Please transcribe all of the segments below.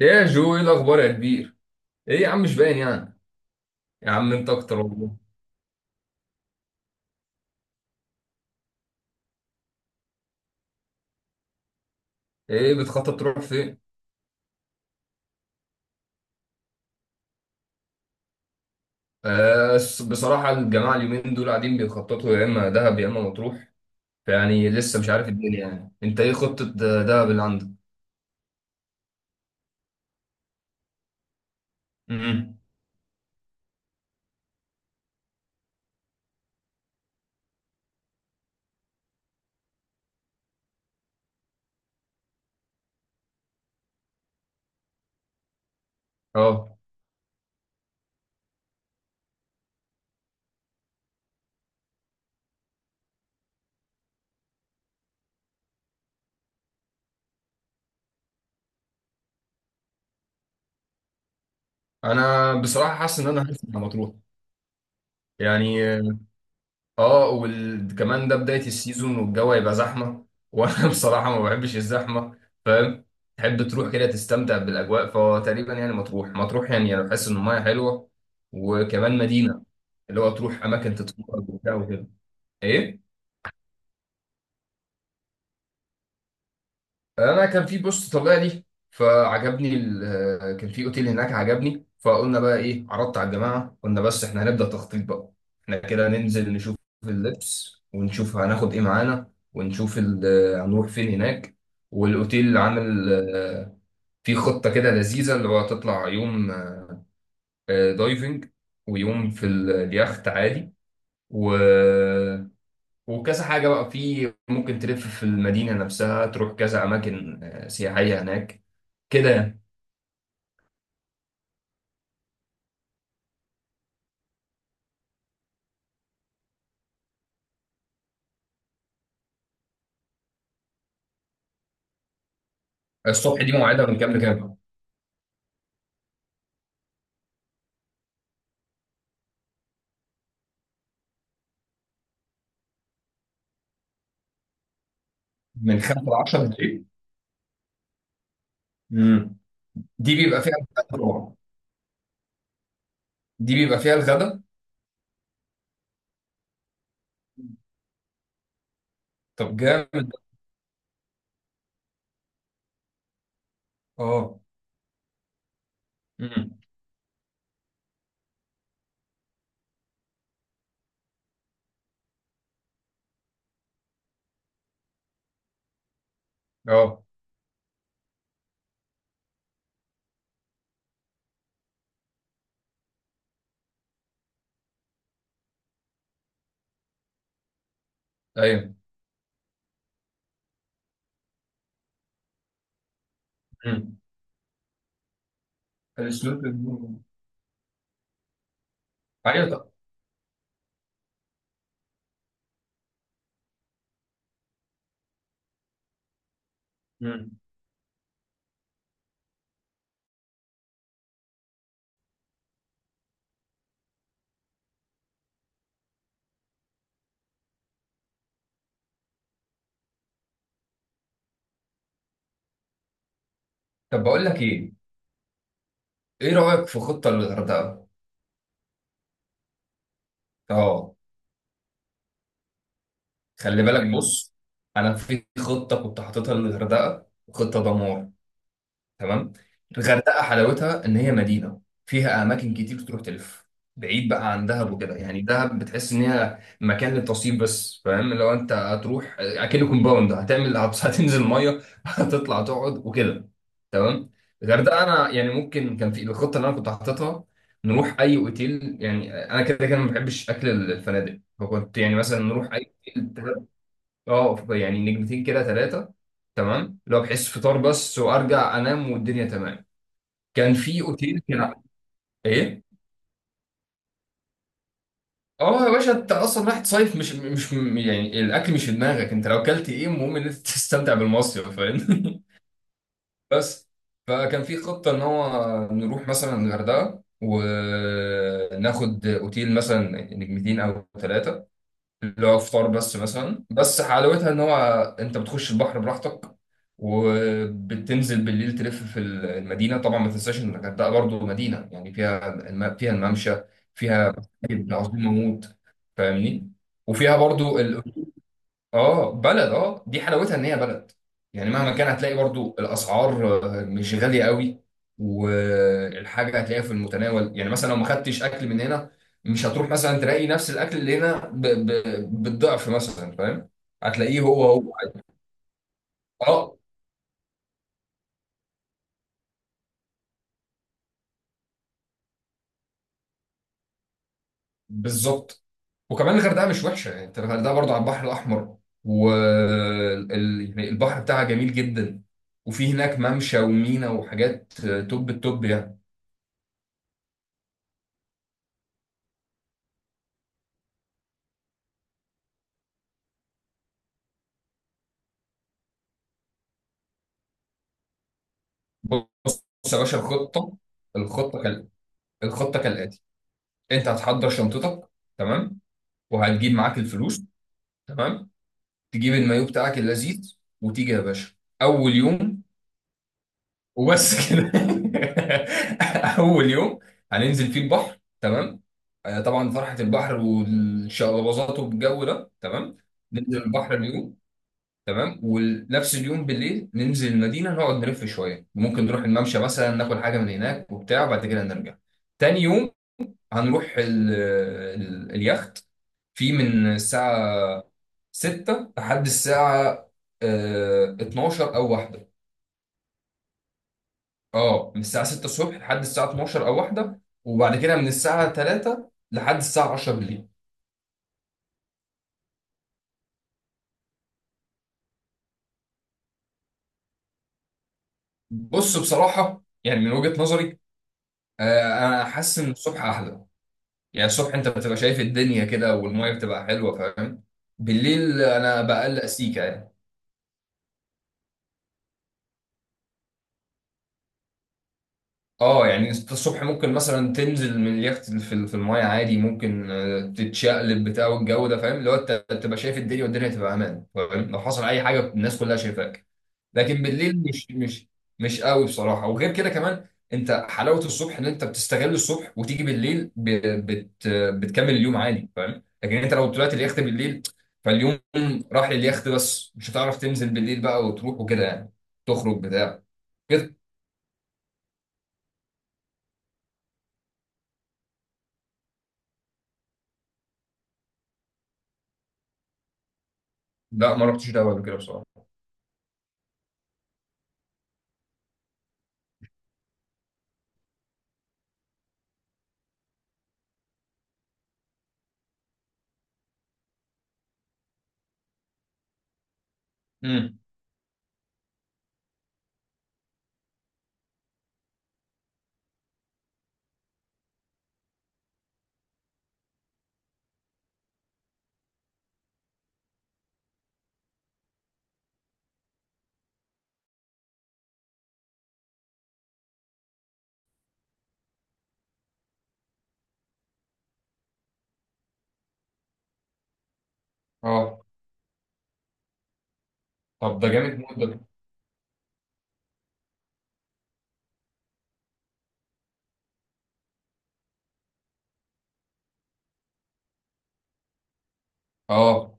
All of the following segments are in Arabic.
ايه يا جو، ايه الاخبار يا كبير؟ ايه يا عم، مش باين يعني. يا عم انت اكتر والله. ايه بتخطط تروح فين؟ بصراحه الجماعه اليومين دول قاعدين بيخططوا يا اما دهب يا اما مطروح. فيعني لسه مش عارف الدنيا. يعني انت ايه خطه دهب اللي عندك؟ امم اه، انا بصراحه حاسس ان انا هرسم على مطروح يعني. اه، وكمان ده بداية السيزون والجو هيبقى زحمة. وانا بصراحة ما بحبش الزحمة. فاهم، تحب تروح كده تستمتع بالاجواء، فتقريبا يعني مطروح يعني انا بحس ان المايه حلوة. وكمان مدينة، اللي هو تروح اماكن تتفرج وبتاع وكده. ايه، انا كان في بوست طالع لي فعجبني كان في اوتيل هناك عجبني، فقلنا بقى ايه، عرضت على الجماعه، قلنا بس احنا هنبدا تخطيط بقى. احنا كده ننزل نشوف اللبس ونشوف هناخد ايه معانا ونشوف هنروح فين هناك، والاوتيل عامل في خطه كده لذيذه، اللي هو تطلع يوم دايفنج، ويوم في اليخت عادي، و... وكذا حاجه بقى. في ممكن تلف في المدينه نفسها، تروح كذا اماكن سياحيه هناك كده يعني. الصبح دي موعدها من كام لكام؟ من 5 ل 10 بالليل. امم، دي بيبقى فيها الغدا طبعا. دي بيبقى فيها الغدا. طب جامد ده. اه. امم. اه. ايوه. امم. السلوت ال- ايوه طب. امم. طب بقول لك ايه، ايه رايك في خطه للغردقه؟ اه، خلي بالك. بص، انا في خطه كنت حاططها للغردقه، خطه دمار. تمام. الغردقه حلاوتها ان هي مدينه فيها اماكن كتير تروح تلف، بعيد بقى عن دهب وكده. يعني دهب بتحس ان هي مكان للتصيف بس. فاهم، لو انت هتروح اكنه كومباوند هتعمل هتنزل ميه هتطلع تقعد وكده. تمام. الغردقه انا يعني ممكن، كان في الخطه اللي انا كنت حاططها نروح اي اوتيل. يعني انا كده كده ما بحبش اكل الفنادق، فكنت يعني مثلا نروح اي اوتيل، اه، يعني نجمتين كده ثلاثة. تمام، لو بحس فطار بس وارجع انام والدنيا تمام. كان في اوتيل كده. ايه؟ اه يا باشا، انت اصلا رايح تصيف، مش يعني الاكل مش في دماغك. انت لو اكلت ايه، المهم ان انت تستمتع بالمصيف. فاهم بس فكان في خطة ان هو نروح مثلا الغردقة وناخد اوتيل مثلا نجمتين او ثلاثة، اللي هو فطار بس مثلا. بس حلاوتها ان هو انت بتخش البحر براحتك، وبتنزل بالليل تلف في المدينه. طبعا ما تنساش ان الغردقه برضه مدينه، يعني فيها فيها الممشى، فيها مساجد عظيمه موت، فاهمني؟ وفيها برضه، اه، بلد. اه، دي حلاوتها ان هي بلد، يعني مهما كان هتلاقي برضو الاسعار مش غاليه قوي. والحاجه هتلاقيها في المتناول، يعني مثلا لو ما خدتش اكل من هنا، مش هتروح مثلا تلاقي نفس الاكل اللي هنا بالضعف مثلا، فاهم؟ هتلاقيه هو هو. اه بالظبط. وكمان الغردقه مش وحشه، يعني انت الغردقه برضو على البحر الاحمر، والبحر بتاعها جميل جدا، وفي هناك ممشى ومينا وحاجات توب التوب يعني. بص يا باشا، الخطة، الخطة كال... الخطة كالآتي: أنت هتحضر شنطتك، تمام، وهتجيب معاك الفلوس، تمام، تجيب المايو بتاعك اللذيذ وتيجي يا باشا. أول يوم، وبس كده. أول يوم هننزل فيه البحر، تمام، طبعا فرحة البحر والشقلباظات والجو ده، تمام. ننزل البحر اليوم، تمام، ونفس اليوم بالليل ننزل المدينة، نقعد نلف شوية، ممكن نروح الممشى مثلا، ناكل حاجة من هناك وبتاع، وبعد كده نرجع. تاني يوم هنروح اليخت، في من الساعة 6 لحد الساعة 12 أو واحدة. اه، من الساعة 6 الصبح لحد الساعة 12 أو واحدة، وبعد كده من الساعة 3 لحد الساعة 10 بالليل. بص بصراحة يعني من وجهة نظري، أنا حاسس إن الصبح أحلى، يعني الصبح انت بتبقى شايف الدنيا كده والميه بتبقى حلوه، فاهم؟ بالليل انا بقلق سيكا يعني. اه، يعني انت الصبح ممكن مثلا تنزل من اليخت في الميه عادي، ممكن تتشقلب بتاع والجو ده، فاهم؟ اللي هو انت بتبقى شايف الدنيا والدنيا تبقى امان، فاهم؟ لو حصل اي حاجه الناس كلها شايفاك. لكن بالليل مش قوي بصراحه. وغير كده كمان، انت حلاوه الصبح ان انت بتستغل الصبح وتيجي بالليل بت... بتكمل اليوم عادي، فاهم؟ لكن انت لو طلعت اليخت بالليل، فاليوم راح لليخت بس، مش هتعرف تنزل بالليل بقى وتروح وكده يعني، تخرج بتاع كده. لا، ما رحتش ده قبل كده بصراحه. امم. اه. طب ده جامد موت ده. اه.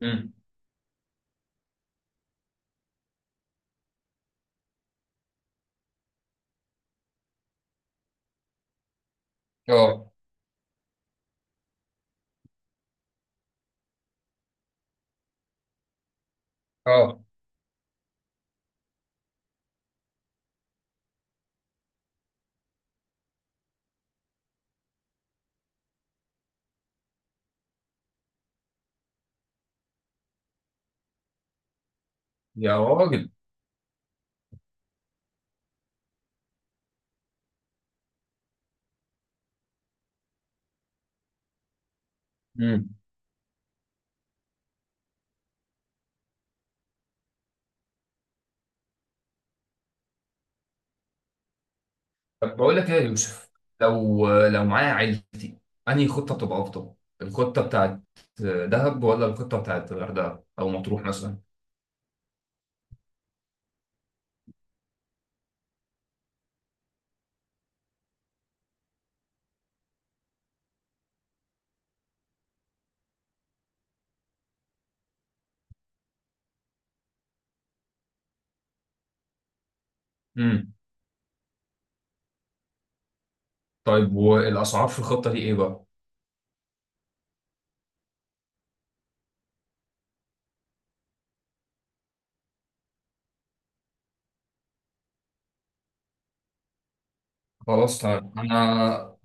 امم. اه. اه. يا راجل. طب بقول لك ايه يا يوسف، لو لو معايا عيلتي، انهي خطه بتبقى افضل؟ الخطه بتاعت دهب ولا الخطه بتاعت الغردقه او مطروح مثلا؟ امم. طيب والاسعار في الخطه دي ايه بقى؟ خلاص طيب، انا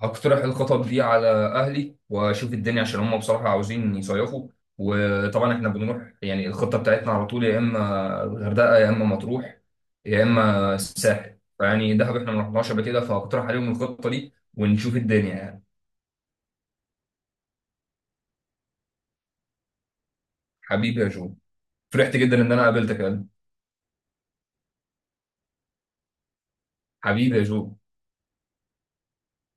هقترح الخطط دي على اهلي واشوف الدنيا، عشان هم بصراحه عاوزين يصيفوا. وطبعا احنا بنروح يعني، الخطه بتاعتنا على طول يا اما الغردقه يا اما مطروح يا اما الساحل. فيعني دهب احنا ما رحناش قبل كده، فهقترح عليهم الخطه دي ونشوف الدنيا يعني. حبيبي يا جو، فرحت جدا ان انا قابلتك يا قلبي. حبيبي يا جو.